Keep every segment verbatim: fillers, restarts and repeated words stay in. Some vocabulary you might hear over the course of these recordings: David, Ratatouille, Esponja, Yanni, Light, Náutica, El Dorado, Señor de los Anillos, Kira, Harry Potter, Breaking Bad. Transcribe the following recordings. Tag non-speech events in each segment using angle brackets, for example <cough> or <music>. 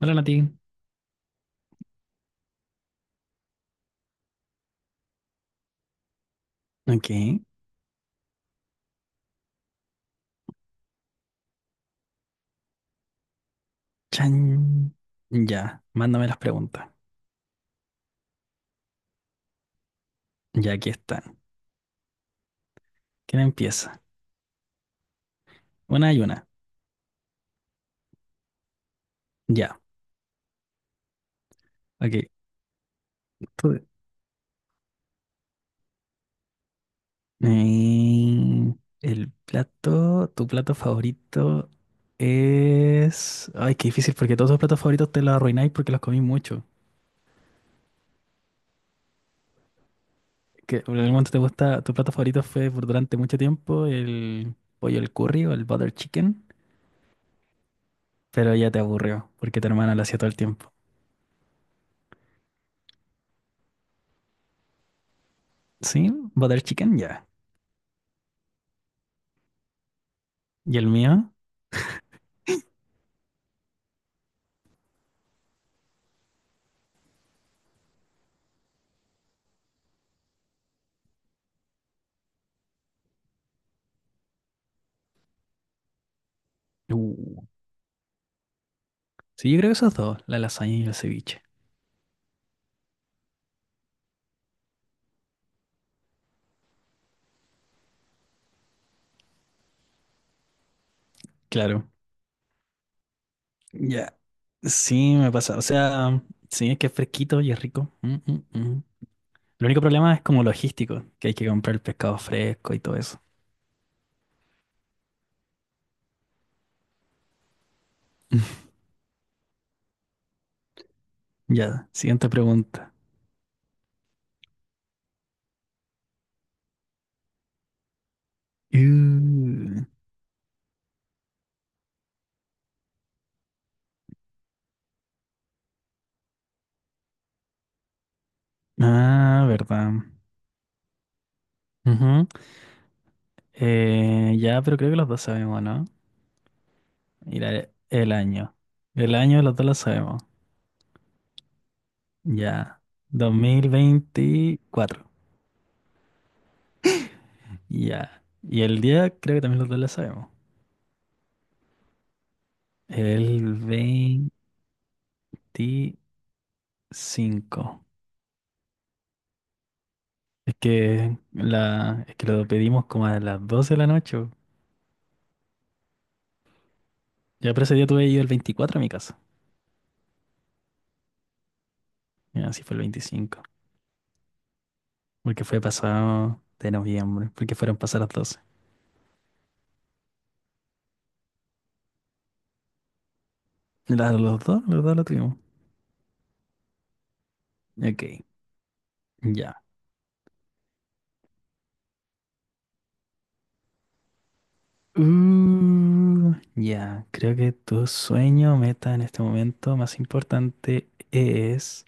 Hola Nati. Ok. Chan. Ya, mándame las preguntas. Ya aquí están. ¿Quién empieza? Una y una. Ya. Ok. Tú- Eh, el plato, tu plato favorito es... Ay, qué difícil porque todos tus platos favoritos te los arruináis porque los comí mucho. Que en algún momento te gusta, tu plato favorito fue por durante mucho tiempo el pollo al curry o el butter chicken, pero ya te aburrió porque tu hermana lo hacía todo el tiempo. ¿Sí? Butter chicken, ya. ¿Y el mío? Uh, sí, yo creo que esos dos, la lasaña y el ceviche. Claro. Ya. Sí, me pasa. O sea, sí, es que es fresquito y es rico. Mm, mm, mm. El único problema es como logístico, que hay que comprar el pescado fresco y todo eso. <laughs> Ya, siguiente pregunta. Uh, ah, verdad. Ujú. Eh, ya, pero creo que los dos sabemos, ¿no? Mira, el año. El año los dos lo sabemos. Ya. Dos mil veinticuatro. Ya. Y el día creo que también los dos la sabemos. El veinticinco. Es que la, es que lo pedimos como a las doce de la noche. Bo. Ya, pero ese día tuve yo el veinticuatro a mi casa. Y así fue el veinticinco. Porque fue pasado de noviembre. Porque fueron pasadas las doce. La- los dos, los dos lo tuvimos. Ok, ya. Uh, ya, creo que tu sueño, meta en este momento más importante es...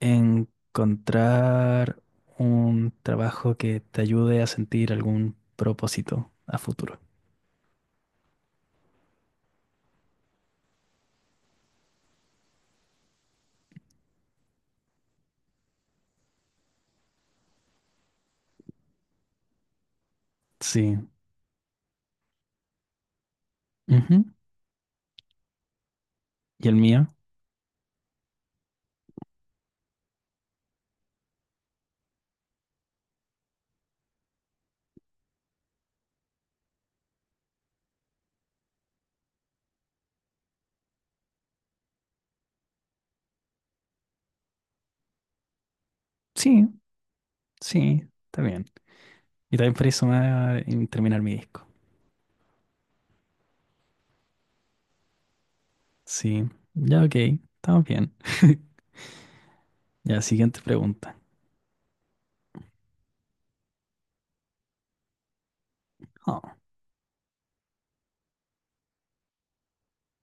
Encontrar un trabajo que te ayude a sentir algún propósito a futuro. Sí. Ujú. ¿Y el mío? Sí, sí, está bien. Y también por eso me va a en terminar mi disco. Sí, ya ok, estamos bien. <laughs> Ya, siguiente pregunta. Oh,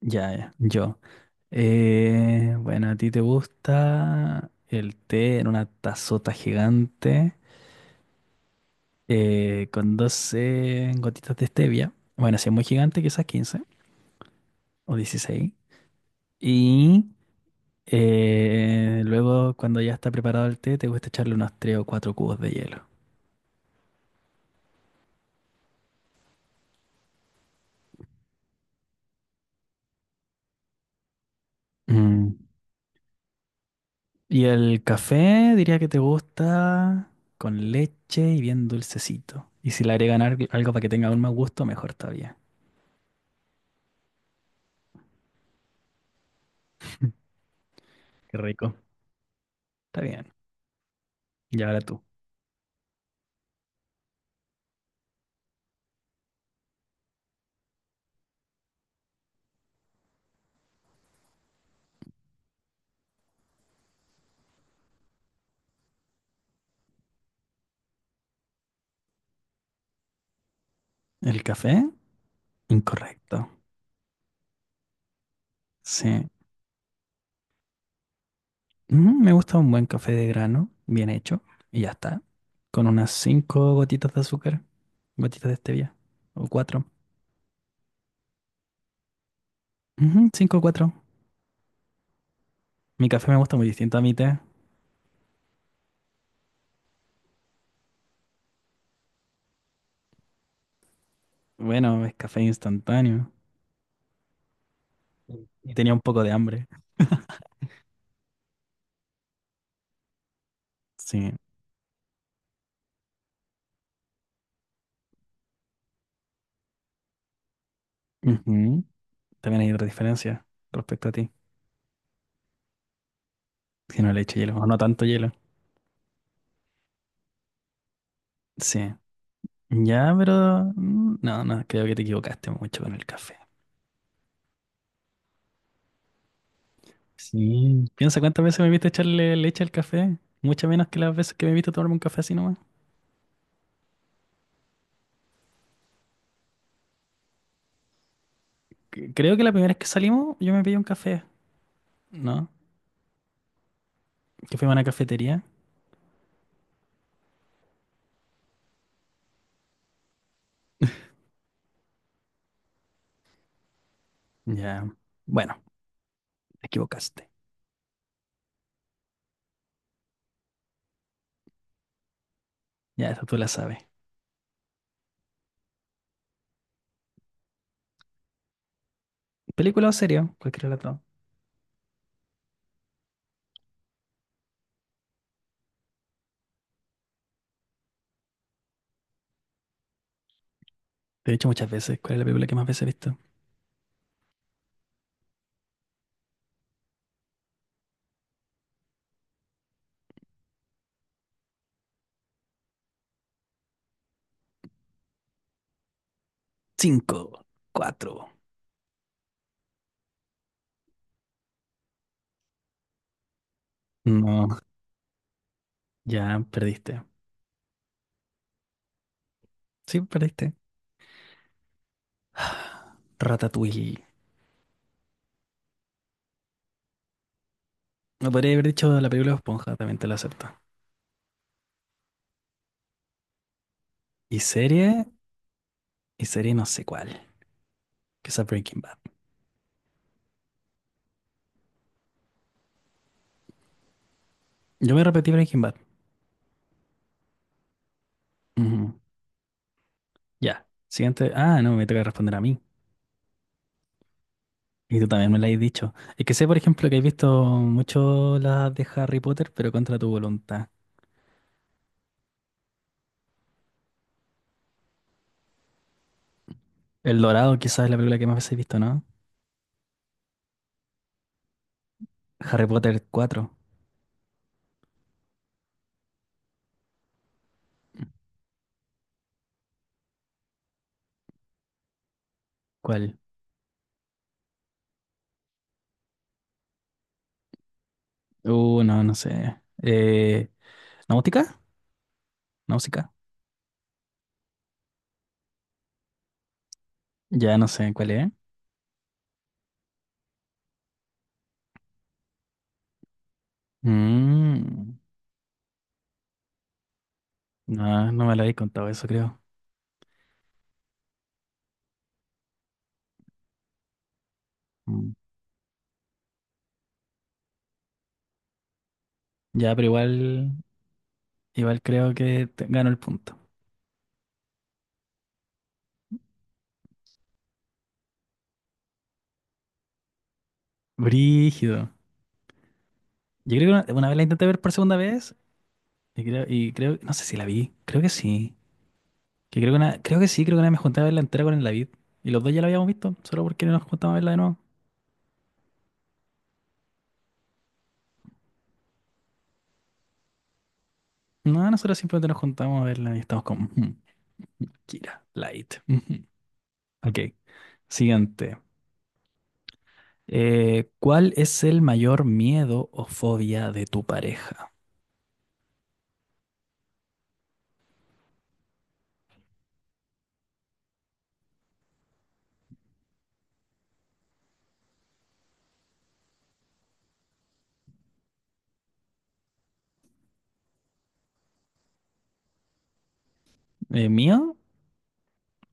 ya, ya, yo. Eh, bueno, ¿a ti te gusta el té en una tazota gigante? eh, con doce gotitas de stevia. Bueno, si es muy gigante, quizás quince o dieciséis, Y eh, luego, cuando ya está preparado el té, te gusta echarle unos tres o cuatro cubos de hielo. Mm. Y el café, diría que te gusta con leche y bien dulcecito. Y si le agregan al- algo para que tenga aún más gusto, mejor todavía. Qué rico. Está bien. Y ahora tú. El café, incorrecto. Sí. Mm, me gusta un buen café de grano, bien hecho, y ya está. Con unas cinco gotitas de azúcar, gotitas de stevia, o cuatro. Ujú, cinco o cuatro. Mi café me gusta muy distinto a mi té. Bueno, es café instantáneo. Mm. Y tenía un poco de hambre. Sí. Ujú. También hay otra diferencia respecto a ti. Si no le echo hielo, o no tanto hielo. Sí. Ya, pero mm, no, no, creo que te equivocaste mucho con el café. Sí, piensa cuántas veces me viste echarle leche al café. Muchas menos que las veces que me viste tomarme un café así nomás. C- Creo que la primera vez que salimos yo me pedí un café, ¿no? Que fui a una cafetería. Ya. Bueno, te equivocaste. Ya, esa tú la sabes. ¿Película o serie? Cualquier relato. Te he dicho muchas veces. ¿Cuál es la película que más veces he visto? Cinco, cuatro. No, ya perdiste. Sí, perdiste. Ratatouille. No podría haber dicho la película de Esponja, también te lo acepto. ¿Y serie? Y serie no sé cuál. Que es Breaking Bad. Yo me repetí Breaking Bad. Ujú. Ya. Siguiente. Ah, no, me toca responder a mí. Y tú también me lo has dicho. Es que sé, por ejemplo, que has visto mucho las de Harry Potter, pero contra tu voluntad. El Dorado quizás es la película que más veces he visto, ¿no? Harry Potter cuatro. ¿Cuál? Uh, no, no sé. Eh, ¿Náutica? ¿Náutica? Ya no sé cuál es. Mm, no, no me lo habéis contado eso, creo. Mm. Ya, pero igual, igual creo que te- gano el punto. Brígido. Yo creo que una, una vez la intenté ver por segunda vez y creo, y creo, no sé si la vi, creo que sí. Que creo que una, creo que sí, creo que una vez me junté a verla entera con el David. Y los dos ya la habíamos visto, solo porque no nos juntamos a verla de nuevo. No, nosotros simplemente nos juntamos a verla y estamos como, "Ujú, Kira, Light. <laughs> ujú". Ok, siguiente. Eh, ¿cuál es el mayor miedo o fobia de tu pareja? Eh, ¿mío?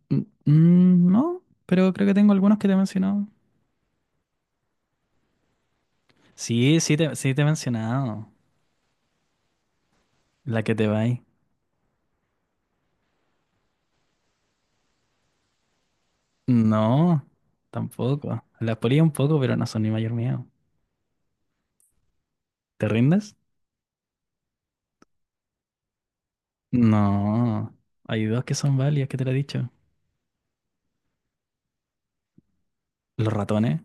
Mm, mm, no, pero creo que tengo algunos que te he mencionado. Sí, sí te, sí te he mencionado. La que te va. No, tampoco. Las polillas un poco, pero no son mi mayor miedo. ¿Te rindes? No. Hay dos que son válidas, que te lo he dicho. Los ratones.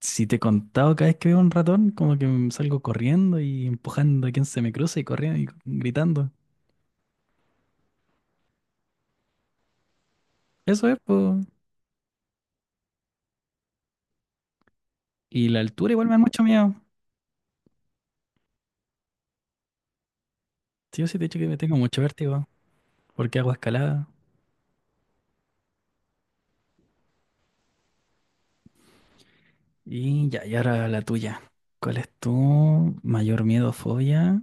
Si te he contado cada vez que veo un ratón, como que me salgo corriendo y empujando a quien se me cruza y corriendo y gritando. Eso es, po. Y la altura igual me da mucho miedo. Sí, yo sí te he dicho que me tengo mucho vértigo, porque hago escalada. Y ya, y ahora la tuya. ¿Cuál es tu mayor miedo o fobia?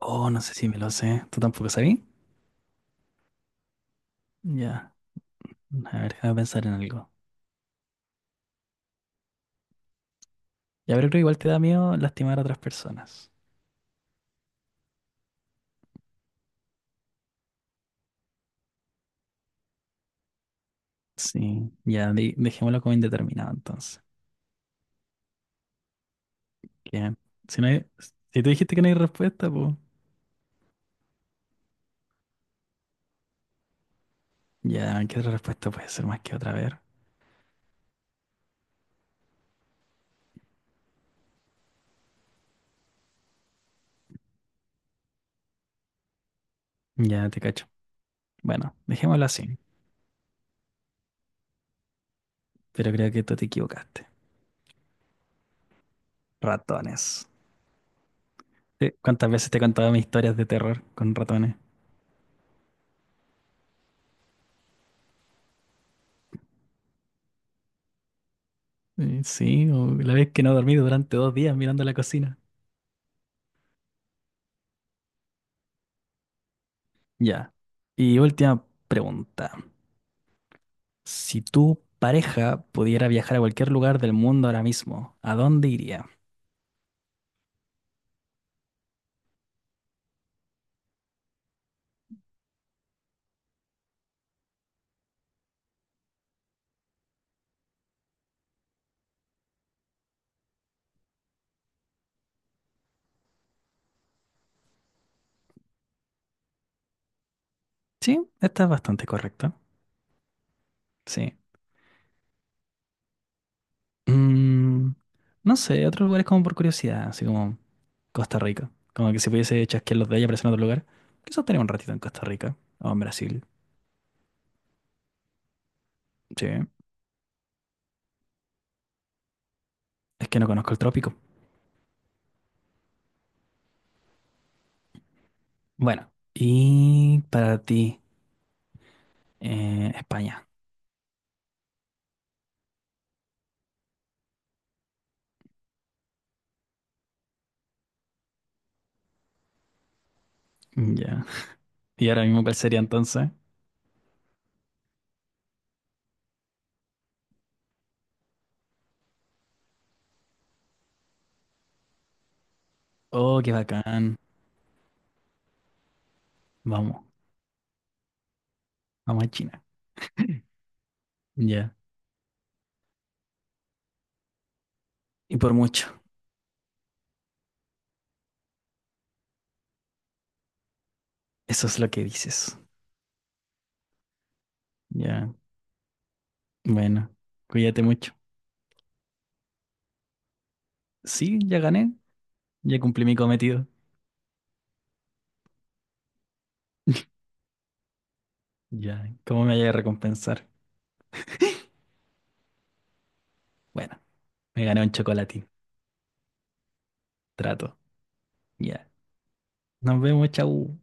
Oh, no sé si me lo sé. ¿Tú tampoco sabías? Ya. A ver, déjame pensar en algo. Ya, pero creo que igual te da miedo lastimar a otras personas. Sí, ya, de- dejémoslo como indeterminado entonces. Que si no hay- si tú dijiste que no hay respuesta, pues ya, ¿qué otra respuesta puede ser más que otra? A ver, ya te cacho. Bueno, dejémoslo así, pero creo que tú te equivocaste. Ratones. Eh, ¿Cuántas veces te he contado mis historias de terror con ratones? Eh, Sí, o la vez que no dormí durante dos días mirando la cocina. Ya. Y última pregunta. Si tu pareja pudiera viajar a cualquier lugar del mundo ahora mismo, ¿a dónde iría? Sí, esta es bastante correcta. Sí. Mm, no sé, otros lugares como por curiosidad, así como Costa Rica. Como que si pudiese chasquear los de ella aparecer en otro lugar. Quizás estaría un ratito en Costa Rica o en Brasil. Sí. Es que no conozco el trópico. Bueno, y para ti, eh, España. Mm, ya. ¿Y ahora mismo cuál sería entonces? Oh, qué bacán. Vamos, vamos a China. Ya. Y por mucho. Eso es lo que dices. Ya, bueno, cuídate mucho. Sí, ya gané, ya cumplí mi cometido. <laughs> Ya, ¿cómo me voy a recompensar? Bueno, me gané un chocolatín. Trato. Ya. Nos vemos, chau.